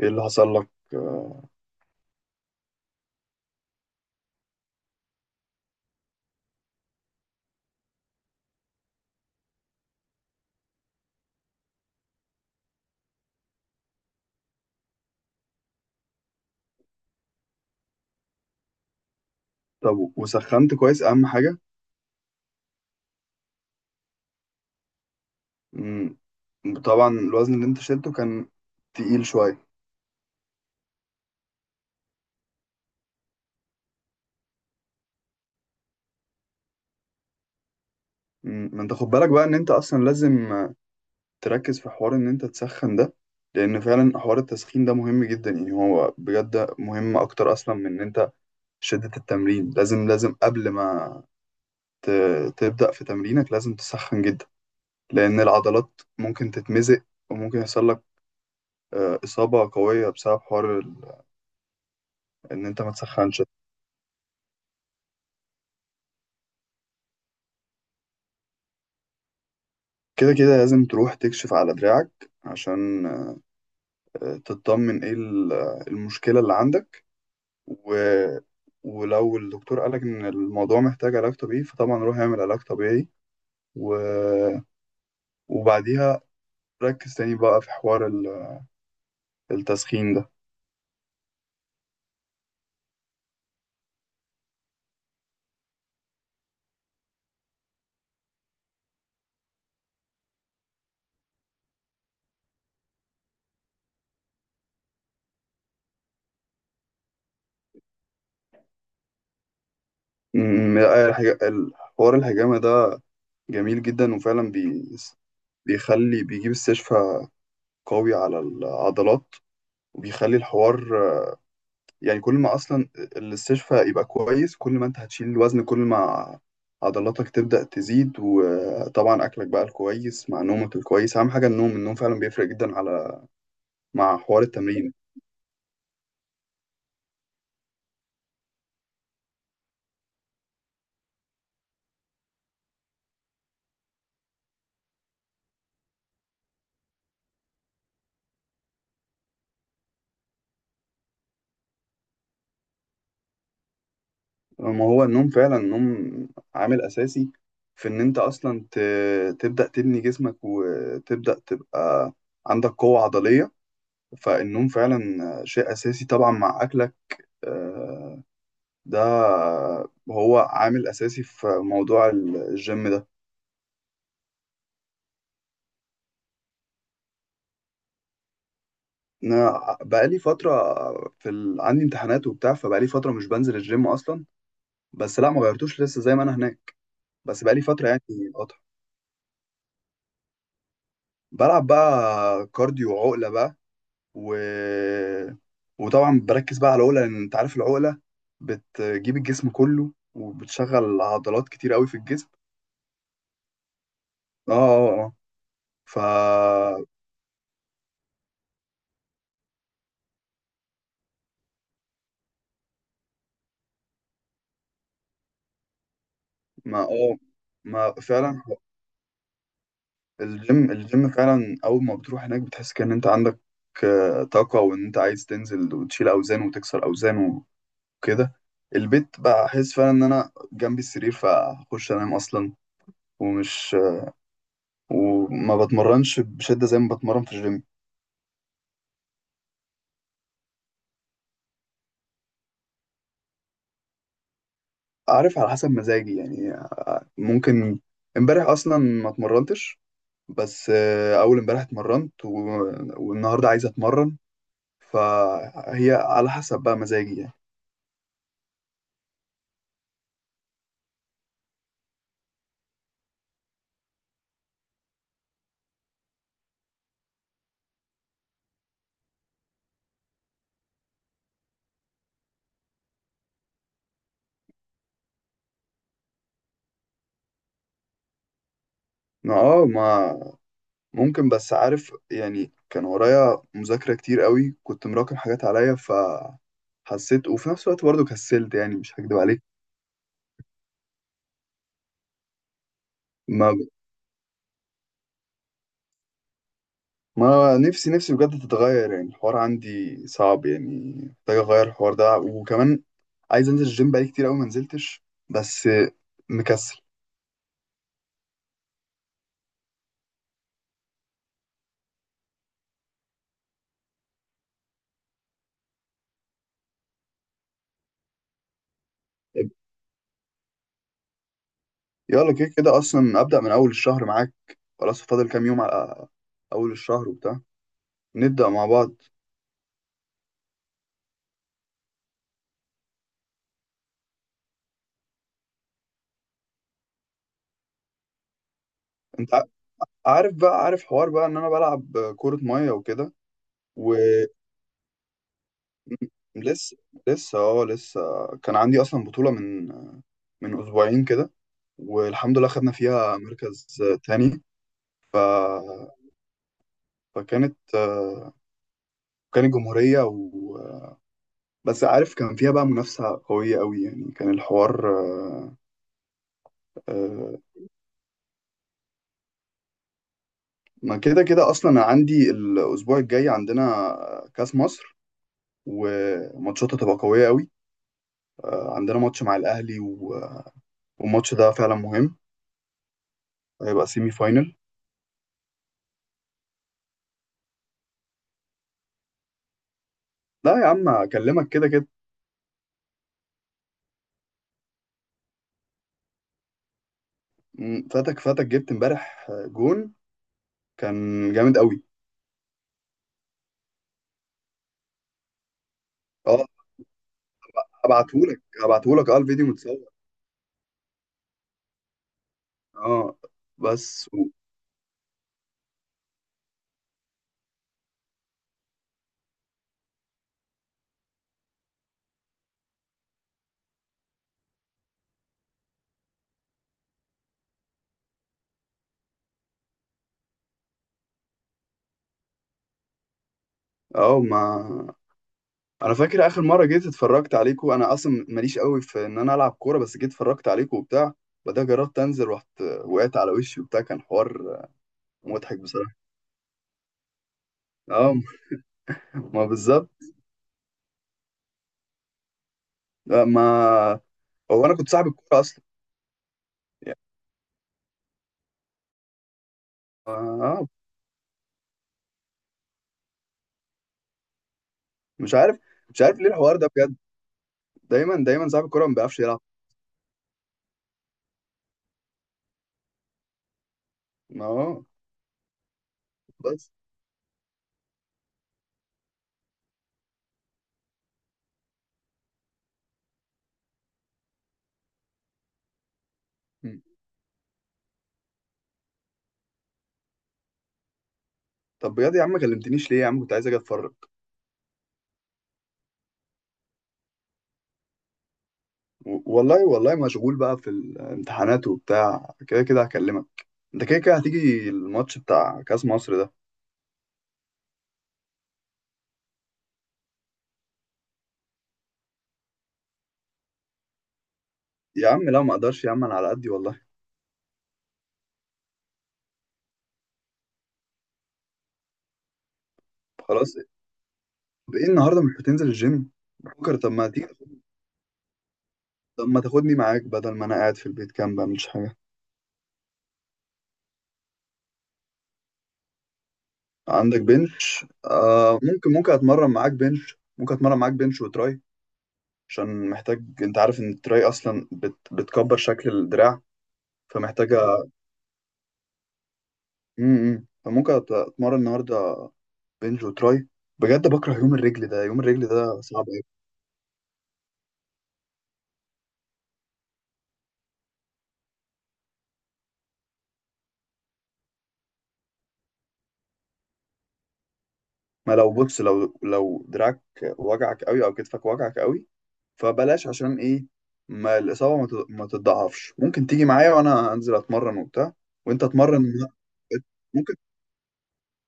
ايه اللي حصل لك طب وسخنت كويس، اهم حاجه؟ مم. طبعا الوزن اللي انت شلته كان تقيل شويه. مم. ما انت خد بالك بقى ان انت اصلا لازم تركز في حوار ان انت تسخن ده، لان فعلا حوار التسخين ده مهم جدا، يعني هو بجد مهم اكتر اصلا من ان انت شده التمرين. لازم قبل ما ت... تبدا في تمرينك لازم تسخن جدا، لان العضلات ممكن تتمزق، وممكن يحصل لك اصابه قويه بسبب حوار ان انت ما تسخنش. كده كده لازم تروح تكشف على دراعك، عشان تطمن ايه المشكلة اللي عندك و... ولو الدكتور قالك ان الموضوع محتاج علاج طبيعي، فطبعا روح اعمل علاج طبيعي، و... وبعديها ركز تاني بقى في حوار التسخين ده. حوار الحجامة ده جميل جدا، وفعلا بيخلي بيجيب استشفاء قوي على العضلات، وبيخلي الحوار يعني كل ما اصلا الاستشفاء يبقى كويس، كل ما انت هتشيل الوزن، كل ما عضلاتك تبدأ تزيد. وطبعا اكلك بقى الكويس مع نومك الكويس اهم حاجة. النوم النوم فعلا بيفرق جدا على، مع حوار التمرين. ما هو النوم، فعلا النوم عامل اساسي في ان انت اصلا تبدأ تبني جسمك، وتبدأ تبقى عندك قوة عضلية. فالنوم فعلا شيء اساسي، طبعا مع اكلك، آه، ده هو عامل اساسي في موضوع الجيم ده. انا بقالي فتره في عندي امتحانات وبتاع، فبقالي فتره مش بنزل الجيم اصلا. بس لا، ما غيرتوش، لسه زي ما انا هناك، بس بقالي فتره يعني. قطع. بلعب بقى كارديو وعقله بقى، و... وطبعا بركز بقى على العقله، لان انت عارف العقله بتجيب الجسم كله، وبتشغل عضلات كتير قوي في الجسم. اه اه اه ف ما- اه ما فعلا الجيم الجيم فعلا اول ما بتروح هناك بتحس كأن انت عندك آه، طاقة وان انت عايز تنزل وتشيل اوزان وتكسر اوزان وكده البيت بقى احس فعلا ان انا جنبي السرير فاخش انام اصلا ومش وما بتمرنش بشدة زي ما بتمرن في الجيم عارف على حسب مزاجي يعني آه، ممكن امبارح اصلا ما اتمرنتش بس آه، اول امبارح اتمرنت و... والنهارده عايز اتمرن فهي على حسب بقى مزاجي يعني ما ممكن، بس عارف يعني، كان ورايا مذاكرة كتير قوي، كنت مراكم حاجات عليا، فحسيت وفي نفس الوقت برضه كسلت، يعني مش هكدب عليك. ما ما نفسي نفسي بجد تتغير، يعني الحوار عندي صعب يعني. محتاج اغير الحوار ده، وكمان عايز انزل الجيم بقالي كتير قوي، ما نزلتش، بس مكسل. يلا، كده كده اصلا ابدأ من اول الشهر معاك. خلاص، فاضل كام يوم على اول الشهر وبتاع، نبدأ مع بعض. انت عارف بقى، حوار بقى ان انا بلعب كرة مية وكده. ولسه لسه اه لسه كان عندي اصلا بطولة من اسبوعين كده، والحمد لله خدنا فيها مركز تاني. ف... فكانت كانت جمهورية، بس عارف كان فيها بقى منافسة قوية قوي، يعني كان الحوار آه، ما كده كده اصلا أنا عندي الاسبوع الجاي، عندنا كاس مصر، وماتشاتها تبقى قوية قوي. عندنا ماتش مع الاهلي، والماتش ده فعلا مهم، هيبقى سيمي فاينل. لا يا عم، اكلمك كده كده. فاتك، جبت امبارح جون كان جامد قوي. اه، ابعتهولك، الفيديو متصور. اه، بس اه. ما انا فاكر اخر مره جيت اتفرجت عليكم، انا اصلا ماليش قوي في ان انا العب كوره، بس جيت اتفرجت عليكم وبتاع، بعدها جربت انزل، رحت وقعت على وشي وبتاع، كان حوار مضحك بصراحه. اه، ما بالظبط. لا، ما هو انا كنت صاحب الكوره اصلا. يعني، اه. مش عارف، ليه الحوار ده بجد، دايما دايما صاحب الكوره ما بيعرفش يلعب. اه، بس. طب بجد يا عم، ما كلمتنيش ليه يا عم، كنت عايز اجي اتفرج. والله والله مشغول بقى في الامتحانات وبتاع، كده كده هكلمك. انت كده كده هتيجي الماتش بتاع كاس مصر ده. يا عم لا، ما اقدرش يا عم، انا على قدي والله. خلاص. طب ايه النهارده، مش هتنزل الجيم؟ بكره طب ما تيجي؟ طب ما تاخدني معاك، بدل ما انا قاعد في البيت كام بعملش حاجه. عندك بنش؟ ممكن، اتمرن معاك بنش. ممكن اتمرن معاك بنش وتراي، عشان محتاج. انت عارف ان التراي اصلا بتكبر شكل الدراع، فمحتاجة. فممكن اتمرن النهارده بنج وتراي. بجد بكره يوم الرجل ده، يوم الرجل ده صعب قوي. ما لو بص، لو دراعك وجعك قوي او كتفك وجعك قوي، فبلاش، عشان ايه؟ ما الاصابه ما تتضاعفش. ممكن تيجي معايا وانا انزل اتمرن وبتاع، وانت اتمرن، ممكن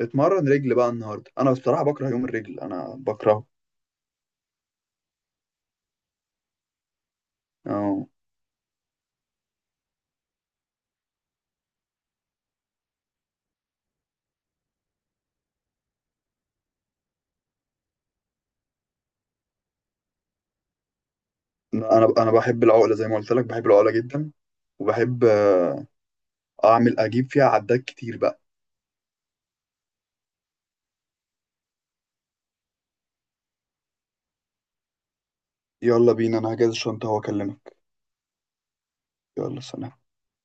اتمرن رجل بقى النهارده. انا بصراحه بكره يوم الرجل، انا بكرهه. أو- انا بحب العقله زي ما قلت لك، بحب العقله جدا، وبحب اعمل اجيب فيها عدات كتير بقى. يلا بينا، انا هجهز الشنطة واكلمك. يلا، سلام.